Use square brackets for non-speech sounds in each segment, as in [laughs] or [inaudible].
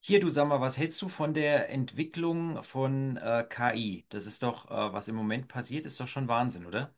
Hier, du sag mal, was hältst du von der Entwicklung von KI? Das ist doch, was im Moment passiert, ist doch schon Wahnsinn, oder?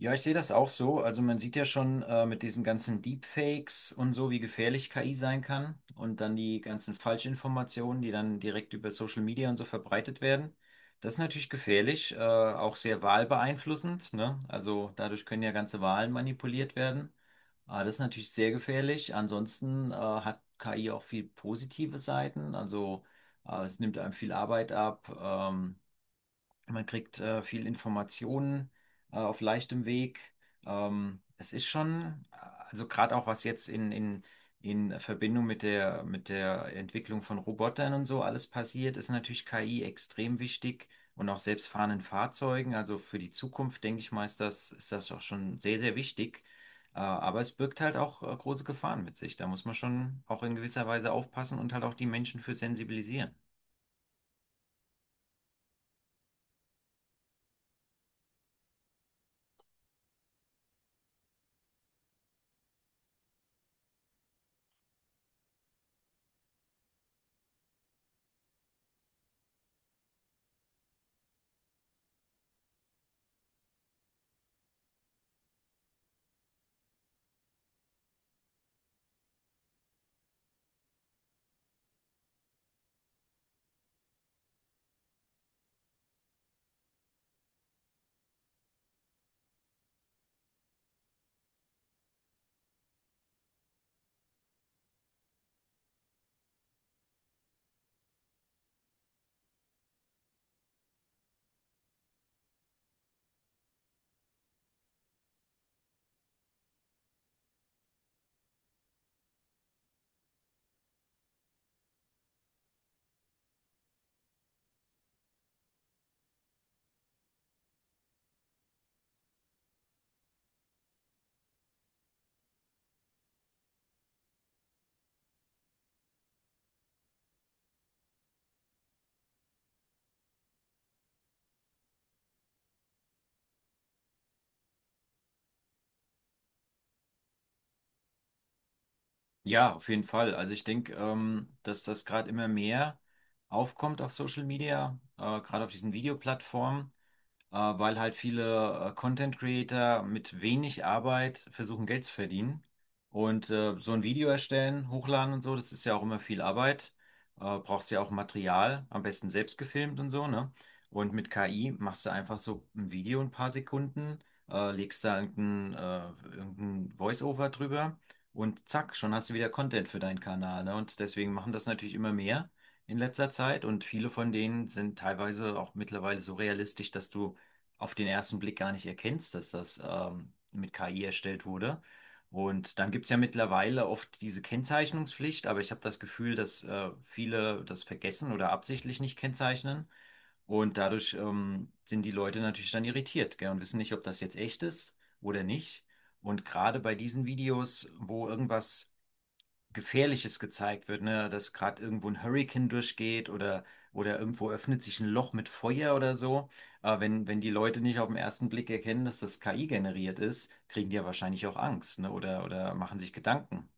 Ja, ich sehe das auch so. Also man sieht ja schon mit diesen ganzen Deepfakes und so, wie gefährlich KI sein kann, und dann die ganzen Falschinformationen, die dann direkt über Social Media und so verbreitet werden. Das ist natürlich gefährlich, auch sehr wahlbeeinflussend, ne? Also dadurch können ja ganze Wahlen manipuliert werden. Das ist natürlich sehr gefährlich. Ansonsten hat KI auch viel positive Seiten. Also es nimmt einem viel Arbeit ab. Man kriegt viel Informationen auf leichtem Weg. Es ist schon, also gerade auch was jetzt in Verbindung mit der Entwicklung von Robotern und so alles passiert, ist natürlich KI extrem wichtig, und auch selbstfahrenden Fahrzeugen. Also für die Zukunft, denke ich mal, ist das auch schon sehr, sehr wichtig. Aber es birgt halt auch große Gefahren mit sich. Da muss man schon auch in gewisser Weise aufpassen und halt auch die Menschen für sensibilisieren. Ja, auf jeden Fall. Also ich denke, dass das gerade immer mehr aufkommt auf Social Media, gerade auf diesen Videoplattformen, weil halt viele Content Creator mit wenig Arbeit versuchen, Geld zu verdienen. Und so ein Video erstellen, hochladen und so, das ist ja auch immer viel Arbeit. Brauchst ja auch Material, am besten selbst gefilmt und so, ne? Und mit KI machst du einfach so ein Video in ein paar Sekunden, legst da irgendein Voice-Over drüber, und zack, schon hast du wieder Content für deinen Kanal, ne? Und deswegen machen das natürlich immer mehr in letzter Zeit, und viele von denen sind teilweise auch mittlerweile so realistisch, dass du auf den ersten Blick gar nicht erkennst, dass das mit KI erstellt wurde. Und dann gibt's ja mittlerweile oft diese Kennzeichnungspflicht, aber ich habe das Gefühl, dass viele das vergessen oder absichtlich nicht kennzeichnen. Und dadurch sind die Leute natürlich dann irritiert, gell, und wissen nicht, ob das jetzt echt ist oder nicht. Und gerade bei diesen Videos, wo irgendwas Gefährliches gezeigt wird, ne? Dass gerade irgendwo ein Hurricane durchgeht, oder irgendwo öffnet sich ein Loch mit Feuer oder so. Aber wenn, wenn die Leute nicht auf den ersten Blick erkennen, dass das KI generiert ist, kriegen die ja wahrscheinlich auch Angst, ne? Oder machen sich Gedanken.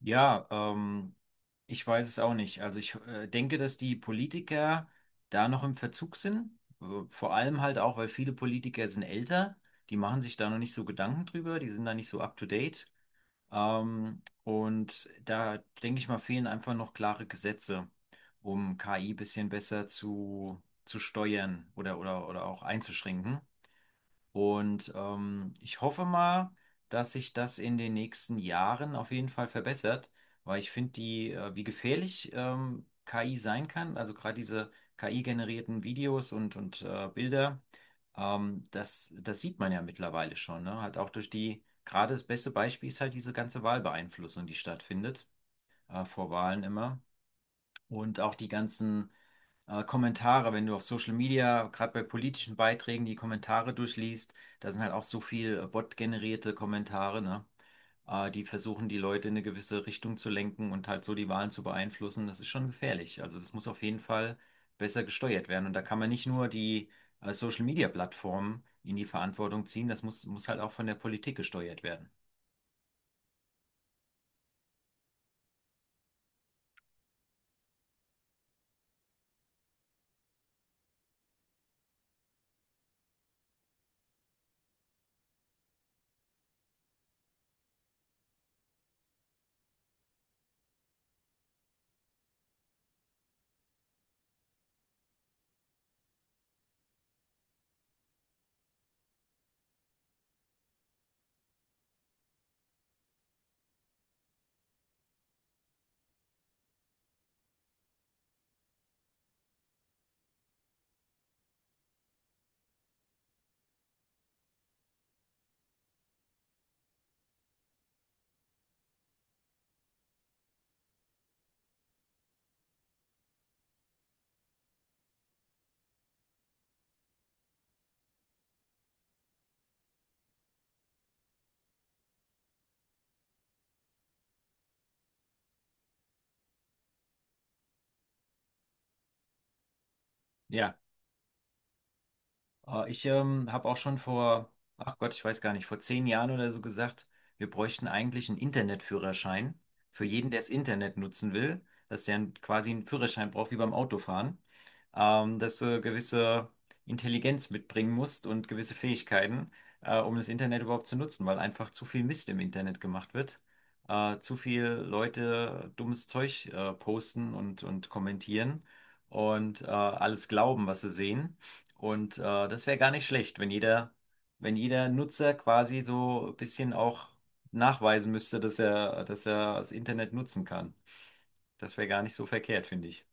Ja, ich weiß es auch nicht. Also ich denke, dass die Politiker da noch im Verzug sind. Äh, Vor allem halt auch, weil viele Politiker sind älter. Die machen sich da noch nicht so Gedanken drüber, die sind da nicht so up to date. Und da denke ich mal, fehlen einfach noch klare Gesetze, um KI bisschen besser zu steuern, oder auch einzuschränken. Und ich hoffe mal, dass sich das in den nächsten Jahren auf jeden Fall verbessert, weil ich finde, die, wie gefährlich KI sein kann, also gerade diese KI-generierten Videos, und Bilder, das, das sieht man ja mittlerweile schon, ne? Halt auch durch die, gerade das beste Beispiel ist halt diese ganze Wahlbeeinflussung, die stattfindet, vor Wahlen immer. Und auch die ganzen Kommentare, wenn du auf Social Media, gerade bei politischen Beiträgen, die Kommentare durchliest, da sind halt auch so viel Bot-generierte Kommentare, ne? Die versuchen, die Leute in eine gewisse Richtung zu lenken und halt so die Wahlen zu beeinflussen. Das ist schon gefährlich. Also das muss auf jeden Fall besser gesteuert werden. Und da kann man nicht nur die Social Media Plattformen in die Verantwortung ziehen, das muss, muss halt auch von der Politik gesteuert werden. Ja. Ich habe auch schon vor, ach Gott, ich weiß gar nicht, vor 10 Jahren oder so gesagt, wir bräuchten eigentlich einen Internetführerschein für jeden, der das Internet nutzen will, dass der quasi einen Führerschein braucht wie beim Autofahren, dass du gewisse Intelligenz mitbringen musst und gewisse Fähigkeiten, um das Internet überhaupt zu nutzen, weil einfach zu viel Mist im Internet gemacht wird, zu viel Leute dummes Zeug posten und kommentieren und alles glauben, was sie sehen. Und das wäre gar nicht schlecht, wenn jeder, wenn jeder Nutzer quasi so ein bisschen auch nachweisen müsste, dass er das Internet nutzen kann. Das wäre gar nicht so verkehrt, finde ich.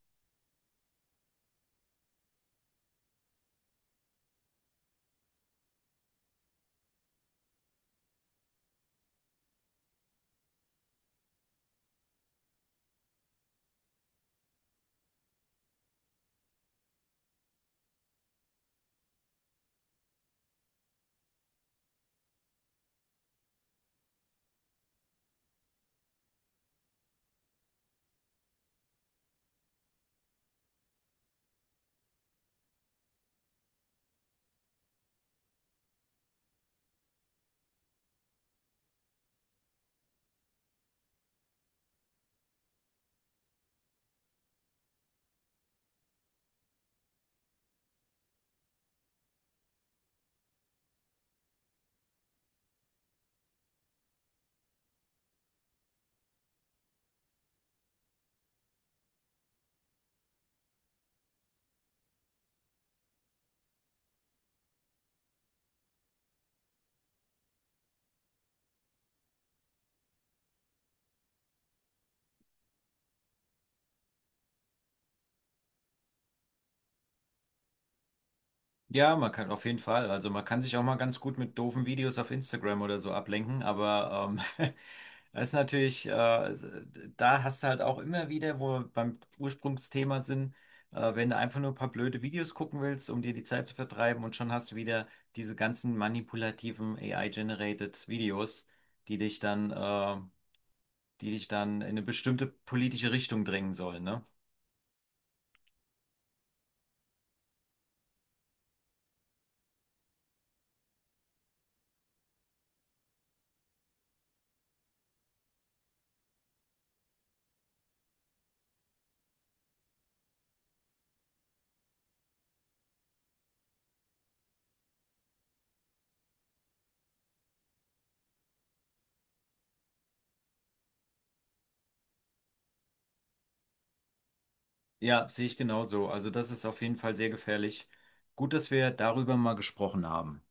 Ja, man kann auf jeden Fall. Also man kann sich auch mal ganz gut mit doofen Videos auf Instagram oder so ablenken, aber [laughs] das ist natürlich, da hast du halt auch immer wieder, wo wir beim Ursprungsthema sind, wenn du einfach nur ein paar blöde Videos gucken willst, um dir die Zeit zu vertreiben, und schon hast du wieder diese ganzen manipulativen AI-generated Videos, die dich dann, die dich dann in eine bestimmte politische Richtung drängen sollen, ne? Ja, sehe ich genauso. Also das ist auf jeden Fall sehr gefährlich. Gut, dass wir darüber mal gesprochen haben.